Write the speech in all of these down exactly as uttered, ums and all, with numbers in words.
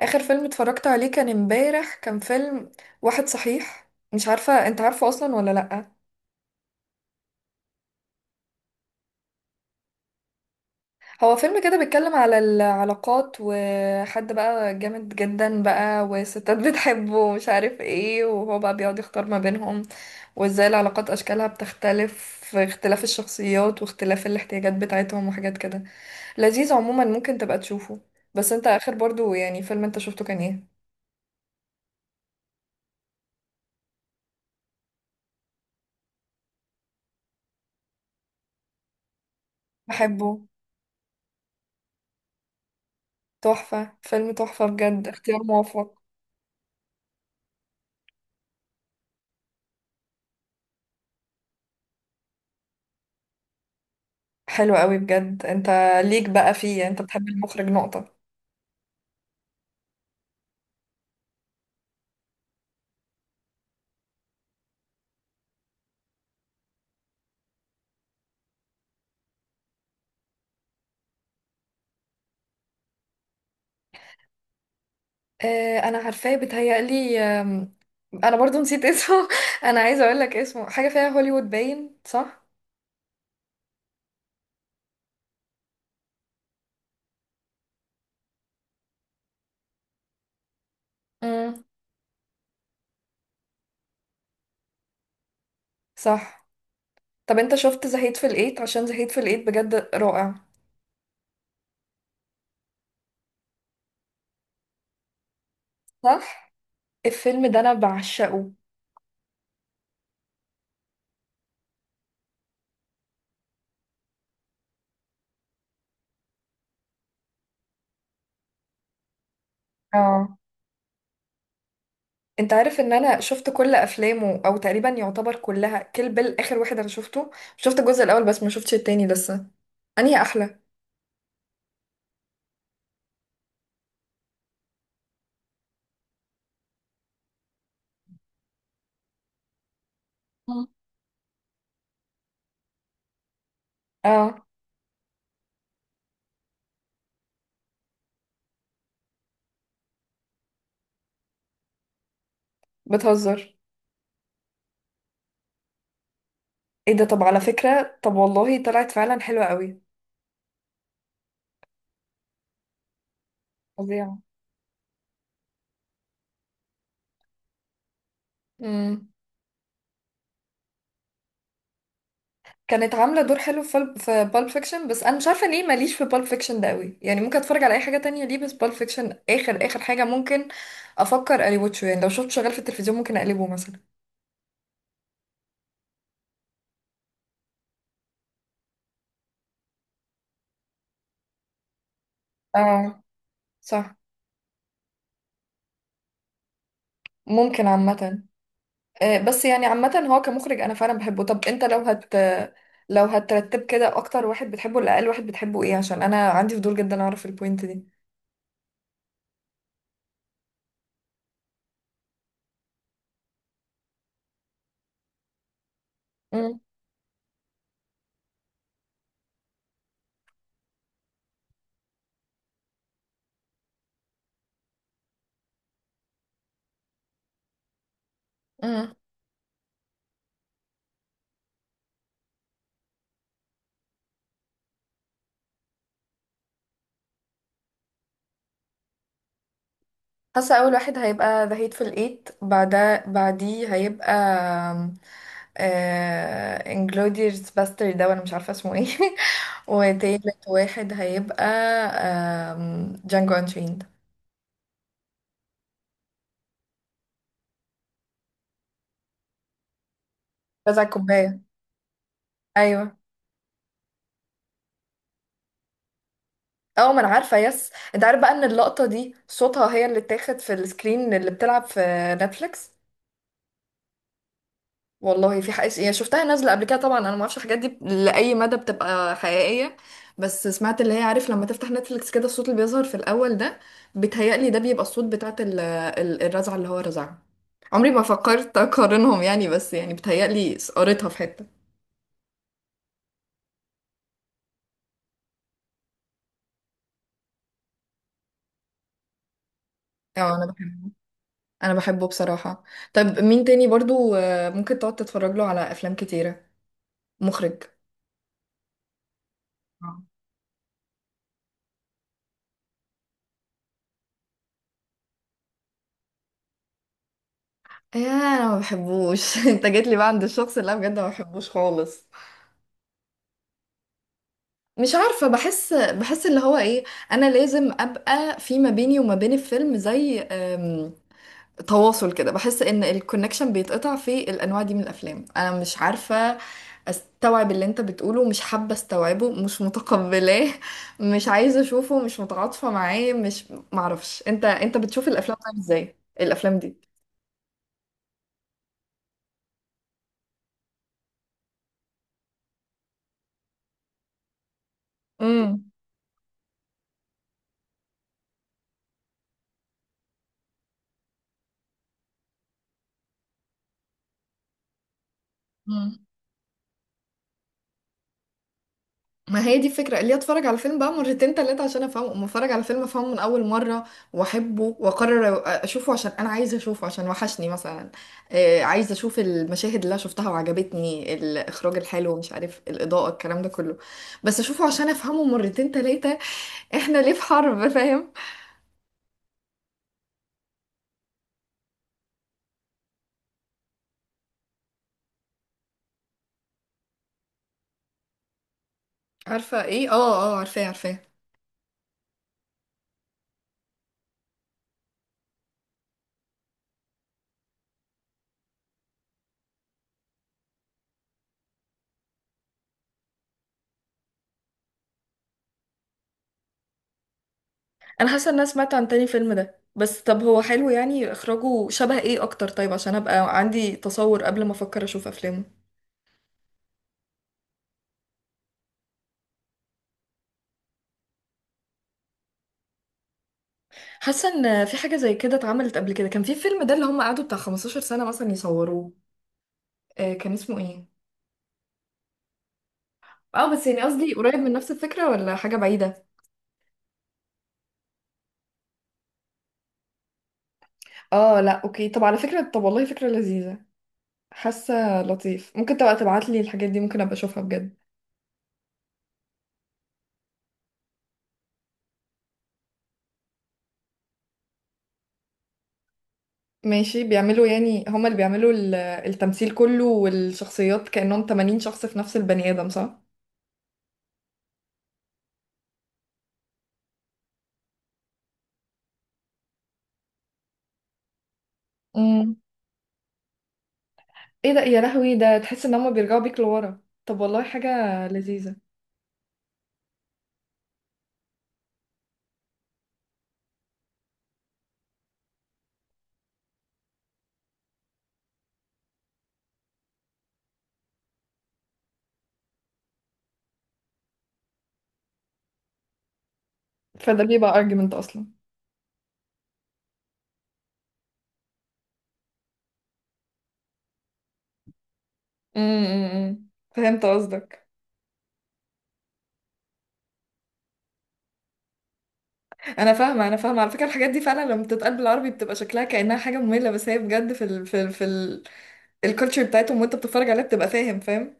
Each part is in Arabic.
اخر فيلم اتفرجت عليه كان امبارح. كان فيلم واحد، صحيح مش عارفة انت عارفه اصلا ولا لأ. هو فيلم كده بيتكلم على العلاقات، وحد بقى جامد جدا بقى وستات بتحبه ومش عارف ايه، وهو بقى بيقعد يختار ما بينهم وازاي العلاقات اشكالها بتختلف في اختلاف الشخصيات واختلاف الاحتياجات بتاعتهم وحاجات كده. لذيذ عموما، ممكن تبقى تشوفه. بس انت اخر برضو يعني فيلم انت شفته كان ايه؟ بحبه. تحفة، فيلم تحفة بجد، اختيار موفق. حلو قوي بجد. انت ليك بقى فيه، انت بتحب المخرج، نقطة. اه انا عارفاه، بيتهيألي آم، انا برضو نسيت اسمه. انا عايزة اقول لك اسمه حاجة فيها هوليوود، باين صح. امم. صح. طب انت شفت زهيد في الايت؟ عشان زهيد في الايت بجد رائع. صح. الفيلم ده انا بعشقه. اه. انت عارف ان انا شفت كل افلامه او تقريبا يعتبر كلها، كل بال اخر واحد انا شفته. شفت الجزء الاول بس ما شفتش التاني لسه. انهي احلى؟ مم. اه. بتهزر؟ ايه ده؟ طب على فكرة، طب والله طلعت فعلا حلوة قوي. فظيعة. امم. كانت عاملة دور حلو في فال- في بالب فيكشن، بس انا مش عارفة ليه ماليش في بالب فيكشن ده قوي، يعني ممكن اتفرج على اي حاجة تانية ليه بس بالب فيكشن اخر اخر حاجة ممكن افكر الوتشه. يعني لو شفت شغال في التلفزيون ممكن اقلبه مثلا. اه. صح. ممكن عامة. آه، بس يعني عامة هو كمخرج انا فعلا بحبه. طب انت لو هت، لو هترتب كده اكتر واحد بتحبه ولا اقل واحد بتحبه ايه؟ عشان انا عندي فضول جدا اعرف البوينت دي. امم. حاسة أول واحد هيبقى The Hateful Eight، بعدها بعديه هيبقى آه... Inglourious Bastard، ده وأنا مش عارفة اسمه ايه. وتالت واحد هيبقى آم... Django Unchained. بس على الكوباية. أيوه. اه ما انا عارفة، يس. انت عارف بقى ان اللقطة دي صوتها هي اللي اتاخد في السكرين اللي بتلعب في نتفليكس. والله في حقيقة، يعني شفتها نازلة قبل كده، طبعا انا ما اعرفش الحاجات دي لأي مدى بتبقى حقيقية. بس سمعت اللي هي، عارف لما تفتح نتفليكس كده الصوت اللي بيظهر في الأول ده، بيتهيألي ده بيبقى الصوت بتاعت ال- ال- الرزعة اللي هو رزعها. عمري ما فكرت أقارنهم يعني، بس يعني بيتهيألي قريتها في حتة. اه انا بحبه. انا بحبه بصراحة. طب مين تاني برضو آه، ممكن تقعد تتفرج له على افلام كتيرة، مخرج؟ آه. يا انا ما بحبوش. انت جيت لي بقى عند الشخص اللي انا بجد ما بحبوش خالص. مش عارفة، بحس، بحس اللي هو ايه. انا لازم ابقى في ما بيني وما بين الفيلم زي أم، تواصل كده. بحس ان الكونكشن بيتقطع في الانواع دي من الافلام. انا مش عارفة استوعب اللي انت بتقوله، مش حابة استوعبه، مش متقبلاه، مش عايزة اشوفه، مش متعاطفة معاه، مش معرفش. انت انت بتشوف الافلام طيب؟ ازاي الافلام دي؟ امم. ما هي دي الفكرة، اللي اتفرج على فيلم بقى مرتين تلاتة عشان افهمه. اما اتفرج على فيلم افهمه من اول مرة واحبه واقرر اشوفه عشان انا عايزة اشوفه عشان وحشني مثلا، آه عايزة اشوف المشاهد اللي انا شفتها وعجبتني، الاخراج الحلو، مش عارف الاضاءة، الكلام ده كله. بس اشوفه عشان افهمه مرتين تلاتة، احنا ليه في حرب؟ فاهم. عارفة ايه؟ اه اه، عارفاه عارفاه. انا حاسه ان انا سمعت عن تاني فيلم ده، بس طب هو حلو؟ يعني اخراجه شبه ايه اكتر؟ طيب عشان ابقى عندي تصور قبل ما افكر اشوف افلامه. حاسه ان في حاجه زي كده اتعملت قبل كده، كان في فيلم ده اللي هم قعدوا بتاع خمستاشر سنه مثلا يصوروه. آه كان اسمه ايه؟ اه بس يعني قصدي قريب من نفس الفكره ولا حاجه بعيده؟ اه لا اوكي. طب على فكره، طب والله فكره لذيذه. حاسه لطيف، ممكن تبقى تبعت لي الحاجات دي، ممكن ابقى اشوفها بجد. ماشي، بيعملوا يعني هم اللي بيعملوا ال- التمثيل كله والشخصيات، كانهم تمانين شخص في نفس البني ادم، صح. امم. ايه ده، يا لهوي، ده تحس ان هم بيرجعوا بيك لورا. طب والله حاجه لذيذه. فده بيبقى ارجيومنت اصلا. امم. فهمت قصدك. انا فاهمه، انا فاهمه على فكره. الحاجات دي فعلا لما بتتقال بالعربي بتبقى شكلها كانها حاجه ممله، بس هي بجد في ال في ال في ال الكالتشر بتاعتهم، وانت بتتفرج عليها بتبقى فاهم فاهم.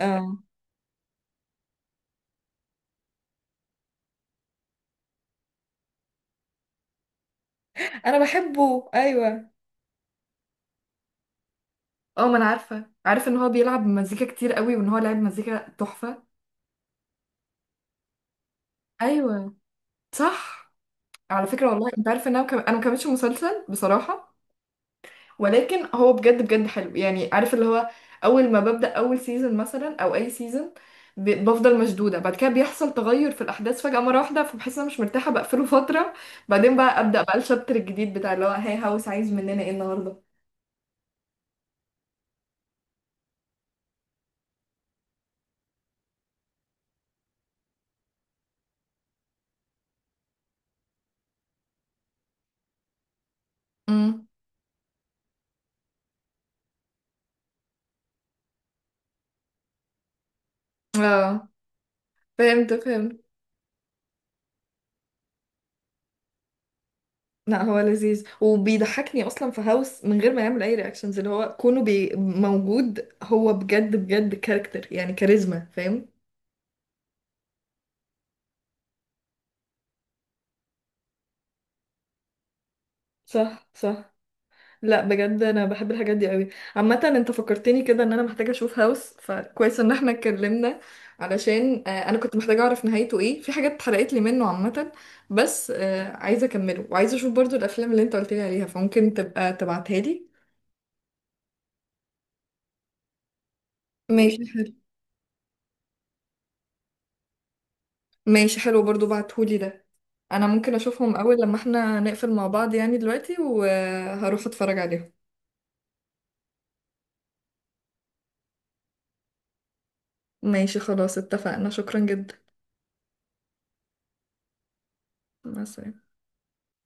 اه انا بحبه ايوه. اه ما انا عارفه، عارفه ان هو بيلعب مزيكا كتير قوي وان هو لاعب مزيكا تحفه. ايوه. صح. على فكره، والله انت عارفه ان انا مكم... انا ما كملتش المسلسل بصراحه. ولكن هو بجد بجد حلو. يعني عارف اللي هو اول ما ببدأ اول سيزون مثلا او اي سيزون بفضل مشدودة، بعد كده بيحصل تغير في الاحداث فجأة مرة واحدة، فبحس ان انا مش مرتاحة بقفله فترة. بعدين بقى أبدأ بقى الشابتر الجديد بتاع اللي هو هاي، هاوس عايز مننا ايه النهاردة. امم. اه، فهمت فهمت. لا هو لذيذ، وبيضحكني اصلا في هاوس من غير ما يعمل اي رياكشنز. اللي هو كونه بي موجود، هو بجد بجد كاركتر يعني كاريزما، فاهم. صح صح. لا بجد انا بحب الحاجات دي قوي. عامه انت فكرتني كده ان انا محتاجه اشوف هاوس، فكويس ان احنا اتكلمنا علشان آه، انا كنت محتاجه اعرف نهايته ايه، في حاجات اتحرقت لي منه عامه. بس آه، عايزه اكمله وعايزه اشوف برضو الافلام اللي انت قلت لي عليها، فممكن تبقى تبعتها لي. ماشي حلو. ماشي حلو برضو، بعتهولي ده. انا ممكن اشوفهم اول لما احنا نقفل مع بعض يعني دلوقتي، وهروح اتفرج عليهم. ماشي خلاص، اتفقنا، شكرا جدا. مع السلامه.